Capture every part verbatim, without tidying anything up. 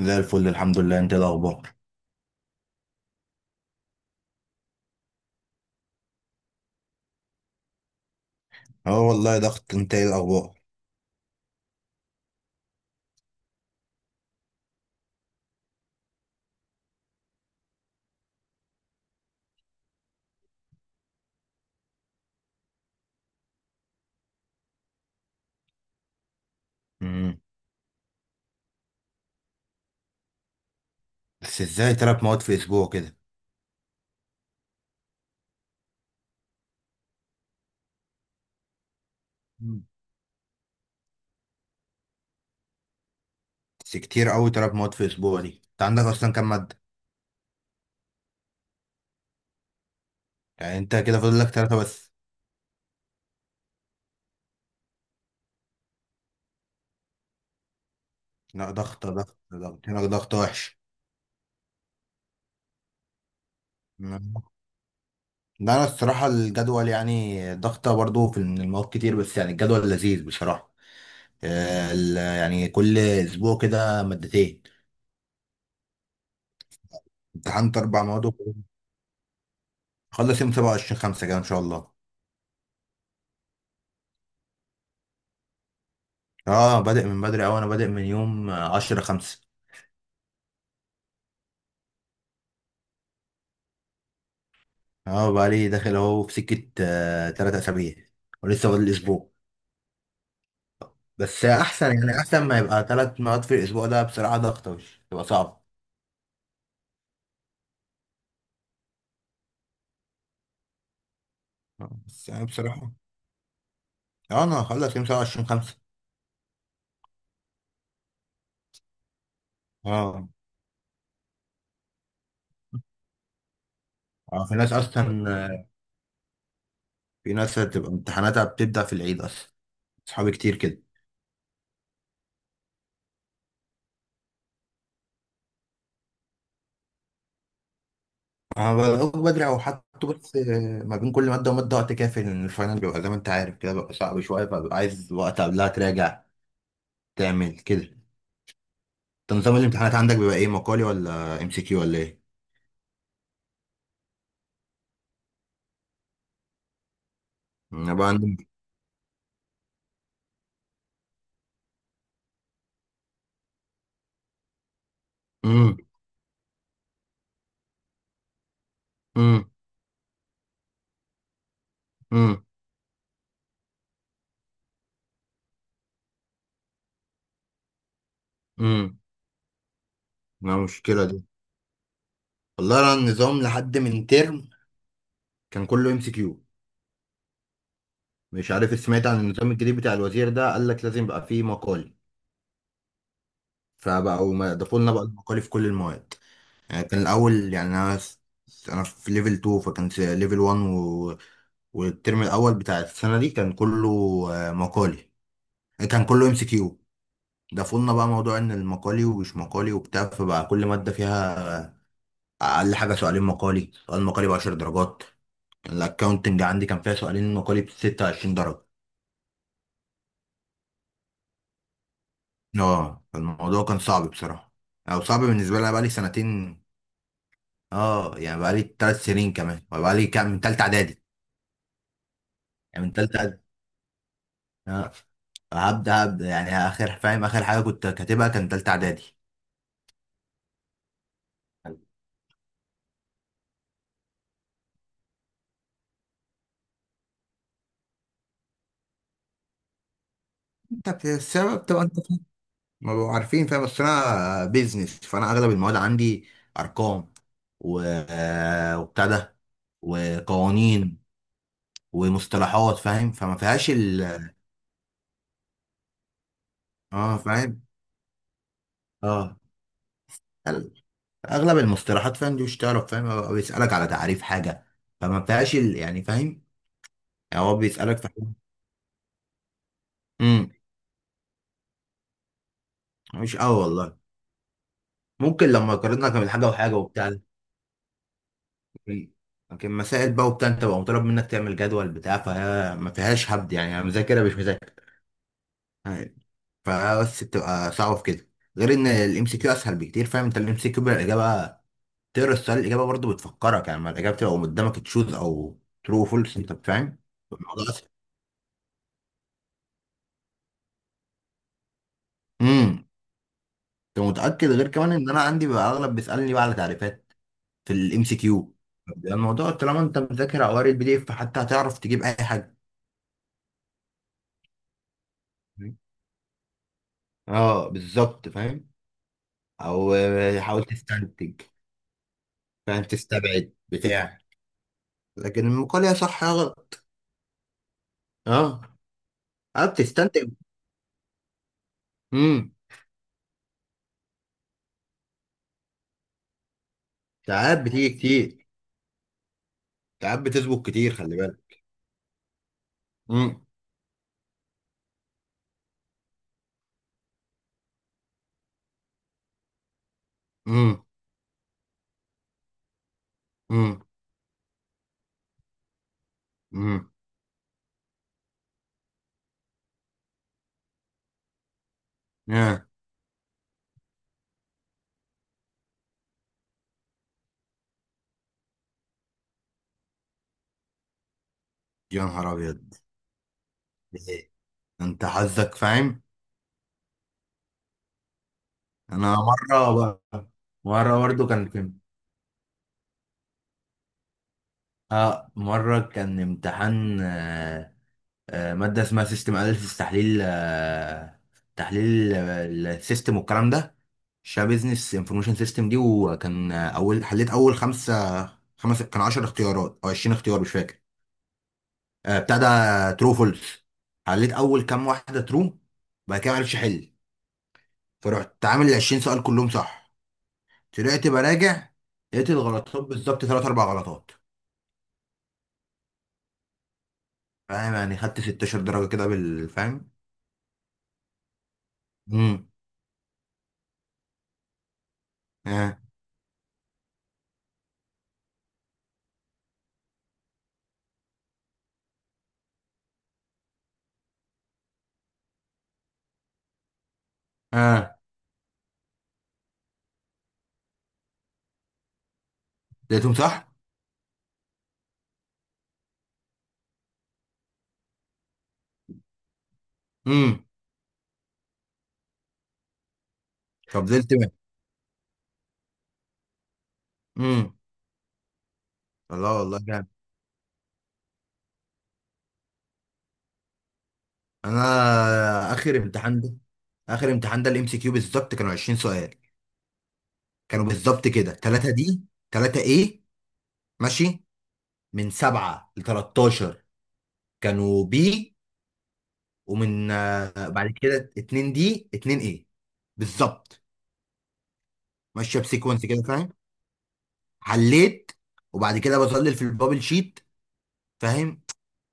زي الفل الحمد لله. انت ايه الاخبار؟ اه، والله ضغط. انت ايه الاخبار؟ امم. بس ازاي تلات مواد في اسبوع كده؟ مم. بس كتير قوي تلات مواد في اسبوع دي. انت عندك اصلا كام ماده؟ يعني انت كده فاضل لك ثلاثه بس. لا، ضغطه ضغط ضغط هنا ضغط وحش. مم. لا، انا الصراحه الجدول يعني ضغطه برضو في من المواد كتير، بس يعني الجدول لذيذ بصراحه. آه، ال- يعني كل اسبوع كده مادتين. امتحنت اربع مواد وخلص يوم سبعة وعشرين خمسة كده ان شاء الله. اه، بادئ من بدري اوي. انا بادئ من يوم عشرة خمسة. اه، بقالي داخل اهو في سكة آه تلات اسابيع. ولسه فاضل اسبوع. بس احسن، يعني احسن ما يبقى تلات مرات في الاسبوع ده. بصراحة ضغط وش تبقى صعب. آه، بس يعني بصراحة. اه، انا هخلص يوم سبعة وعشرين خمسة. اه. اه، في ناس اصلا. آه، في ناس بتبقى امتحاناتها بتبدأ في العيد اصلا. اصحابي كتير كده. انا بدأت بدري او حتى. بس آه، ما بين كل مادة ومادة وقت كافي، لان الفاينل بيبقى زي ما انت عارف كده بيبقى صعب شوية، فببقى عايز وقت قبلها تراجع تعمل كده. طب، نظام الامتحانات عندك بيبقى ايه؟ مقالي ولا ام سي كيو ولا ايه؟ انا بقى عندي. امم. امم. امم. امم. ما المشكله دي. والله انا النظام لحد من ترم كان كله ام سي كيو. مش عارف سمعت عن النظام الجديد بتاع الوزير ده؟ قال لك لازم يبقى فيه مقالي، فبقوا ما ضافوا لنا بقى المقالي في كل المواد. يعني كان الاول، يعني انا س- انا في ليفل اتنين فكان في ليفل واحد و... والترم الاول بتاع السنه دي كان كله آه، مقالي كان كله ام سي كيو. ده فضلنا بقى موضوع ان المقالي ومش مقالي وبتاع، فبقى كل ماده فيها اقل حاجه سؤالين مقالي. سؤال مقالي ب عشرة درجات. الاكاونتنج عندي كان فيها سؤالين مقالي ب ستة وعشرين درجه. اه، الموضوع كان صعب بصراحه. او صعب بالنسبه لي. أنا بقى لي سنتين. اه، يعني بقى لي ثلاث سنين كمان. بقى لي كام من ثالثه اعدادي. يعني من ثالثه اعدادي. اه. هبدا هبدا يعني اخر فاهم اخر حاجه كنت كاتبها كان ثالثه اعدادي. انت في السبب تبقى انت. ما بقوا عارفين فاهم. بس انا بيزنس، فانا اغلب المواد عندي ارقام و... آه، وبتاع ده، وقوانين، ومصطلحات، فاهم؟ فما فيهاش ال اه، فاهم. اه. ال- اغلب المصطلحات فاهم دي مش تعرف. فاهم؟ هو بيسالك على تعريف حاجه، فما فيهاش ال... يعني فاهم. يعني هو بيسالك في حاجه. امم. مش قوي والله. ممكن لما قارنا كان حاجه وحاجه وبتاع. لكن لكن مسائل بقى وبتاع، انت بقى مطالب منك تعمل جدول بتاع، فهي ما فيهاش هبد. يعني انا مذاكرها مش مذاكر، فبس بتبقى صعبة في كده. غير ان الام سي كيو اسهل بكتير. فاهم؟ انت الام سي كيو الاجابة تقرا السؤال، الاجابة برضه بتفكرك، يعني ما الاجابة بتبقى قدامك تشوز او ترو فولس. انت فاهم؟ الموضوع اسهل. امم. انت متأكد غير كمان ان انا عندي بقى اغلب بيسألني بقى على تعريفات في الام سي كيو. الموضوع طالما انت مذاكر او قاري البي دي اف، فحتى هتعرف تجيب اي حاجة. اه، بالظبط فاهم. او آه، حاول تستنتج. فاهم، تستبعد بتاع. لكن المقال يا صح يا غلط. اه. اه، بتستنتج. امم. ساعات بتيجي كتير. ساعات بتسبق كتير، خلي بالك. امم. امم. امم. امم. يا يا نهار ابيض! إيه؟ انت حظك فاهم. انا مره. ب- مره برضه كان كان. اه، مره كان امتحان. آه آه ماده اسمها سيستم اناليسيس. تحليل آه تحليل آه، السيستم والكلام ده، شبه بزنس انفورميشن سيستم دي. وكان آه، اول حليت اول خمسه. خمس كان عشرة اختيارات او عشرين اختيار مش فاكر. آه، ابتدى ترو فولس. حليت اول كام واحده ترو، بعد كده معرفش احل، فرحت عامل ال عشرين سؤال كلهم صح. طلعت براجع لقيت الغلطات بالظبط ثلاث اربع غلطات. فاهم؟ يعني خدت ستة عشر درجه كده بالفهم. امم. اه. اه، لقيتهم صح. امم. طب زلت. امم. الله، والله جامد. انا اخر امتحان ده اخر امتحان ده الام سي كيو بالظبط كانوا عشرين سؤال. كانوا بالظبط كده تلاتة دي تلاتة ايه، ماشي من سبعة ل تلتاشر كانوا بي، ومن آه، بعد كده اتنين دي اتنين ايه بالظبط. ماشيه بسيكونس كده، فاهم؟ حليت وبعد كده بظلل في البابل شيت. فاهم؟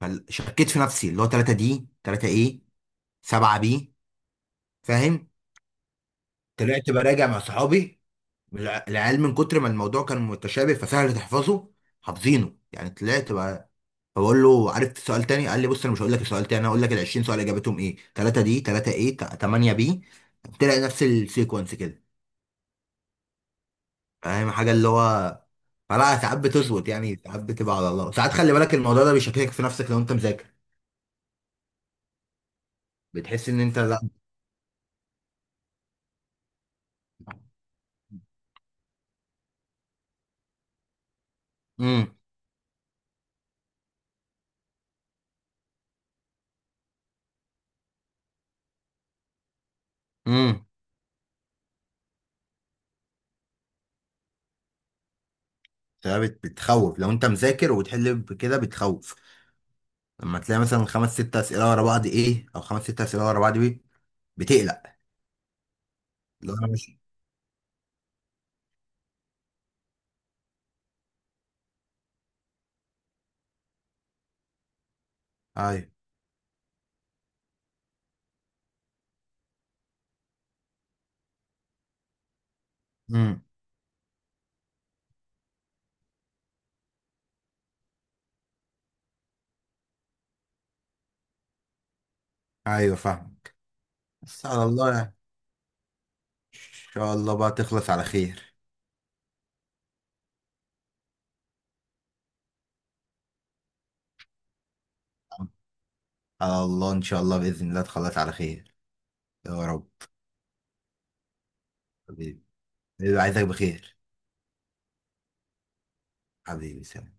فشكيت في نفسي اللي هو تلاتة دي تلاتة ايه سبعة بي، فاهم؟ طلعت براجع مع صحابي. الع- العيال من كتر ما الموضوع كان متشابه فسهل تحفظه، حافظينه يعني. طلعت فبقول له عرفت سؤال تاني. قال لي بص انا مش هقول لك السؤال تاني، انا هقول لك ال عشرين سؤال اجابتهم ايه. تلاتة دي تلاتة ايه تمانية بي، تلاقي نفس السيكونس كده. فاهم حاجه اللي هو؟ فلا، ساعات بتظبط يعني، ساعات بتبقى على الله. ساعات خلي بالك الموضوع ده بيشككك في نفسك لو انت مذاكر، بتحس ان انت لا. امم. امم. بت... بتخوف. لو انت مذاكر وبتحل بكده بتخوف لما تلاقي مثلا خمس ست اسئله ورا بعض ايه، او خمس ست اسئله ورا بعض بي، بتقلق. لو انا مش. ايوه. امم. ايوه فاهم. بس على الله يعني. ان شاء الله بقى تخلص على خير. على الله، ان شاء الله، باذن الله تخلص على خير. يا رب. حبيبي. حبيبي، عايزك بخير. حبيبي، سلام.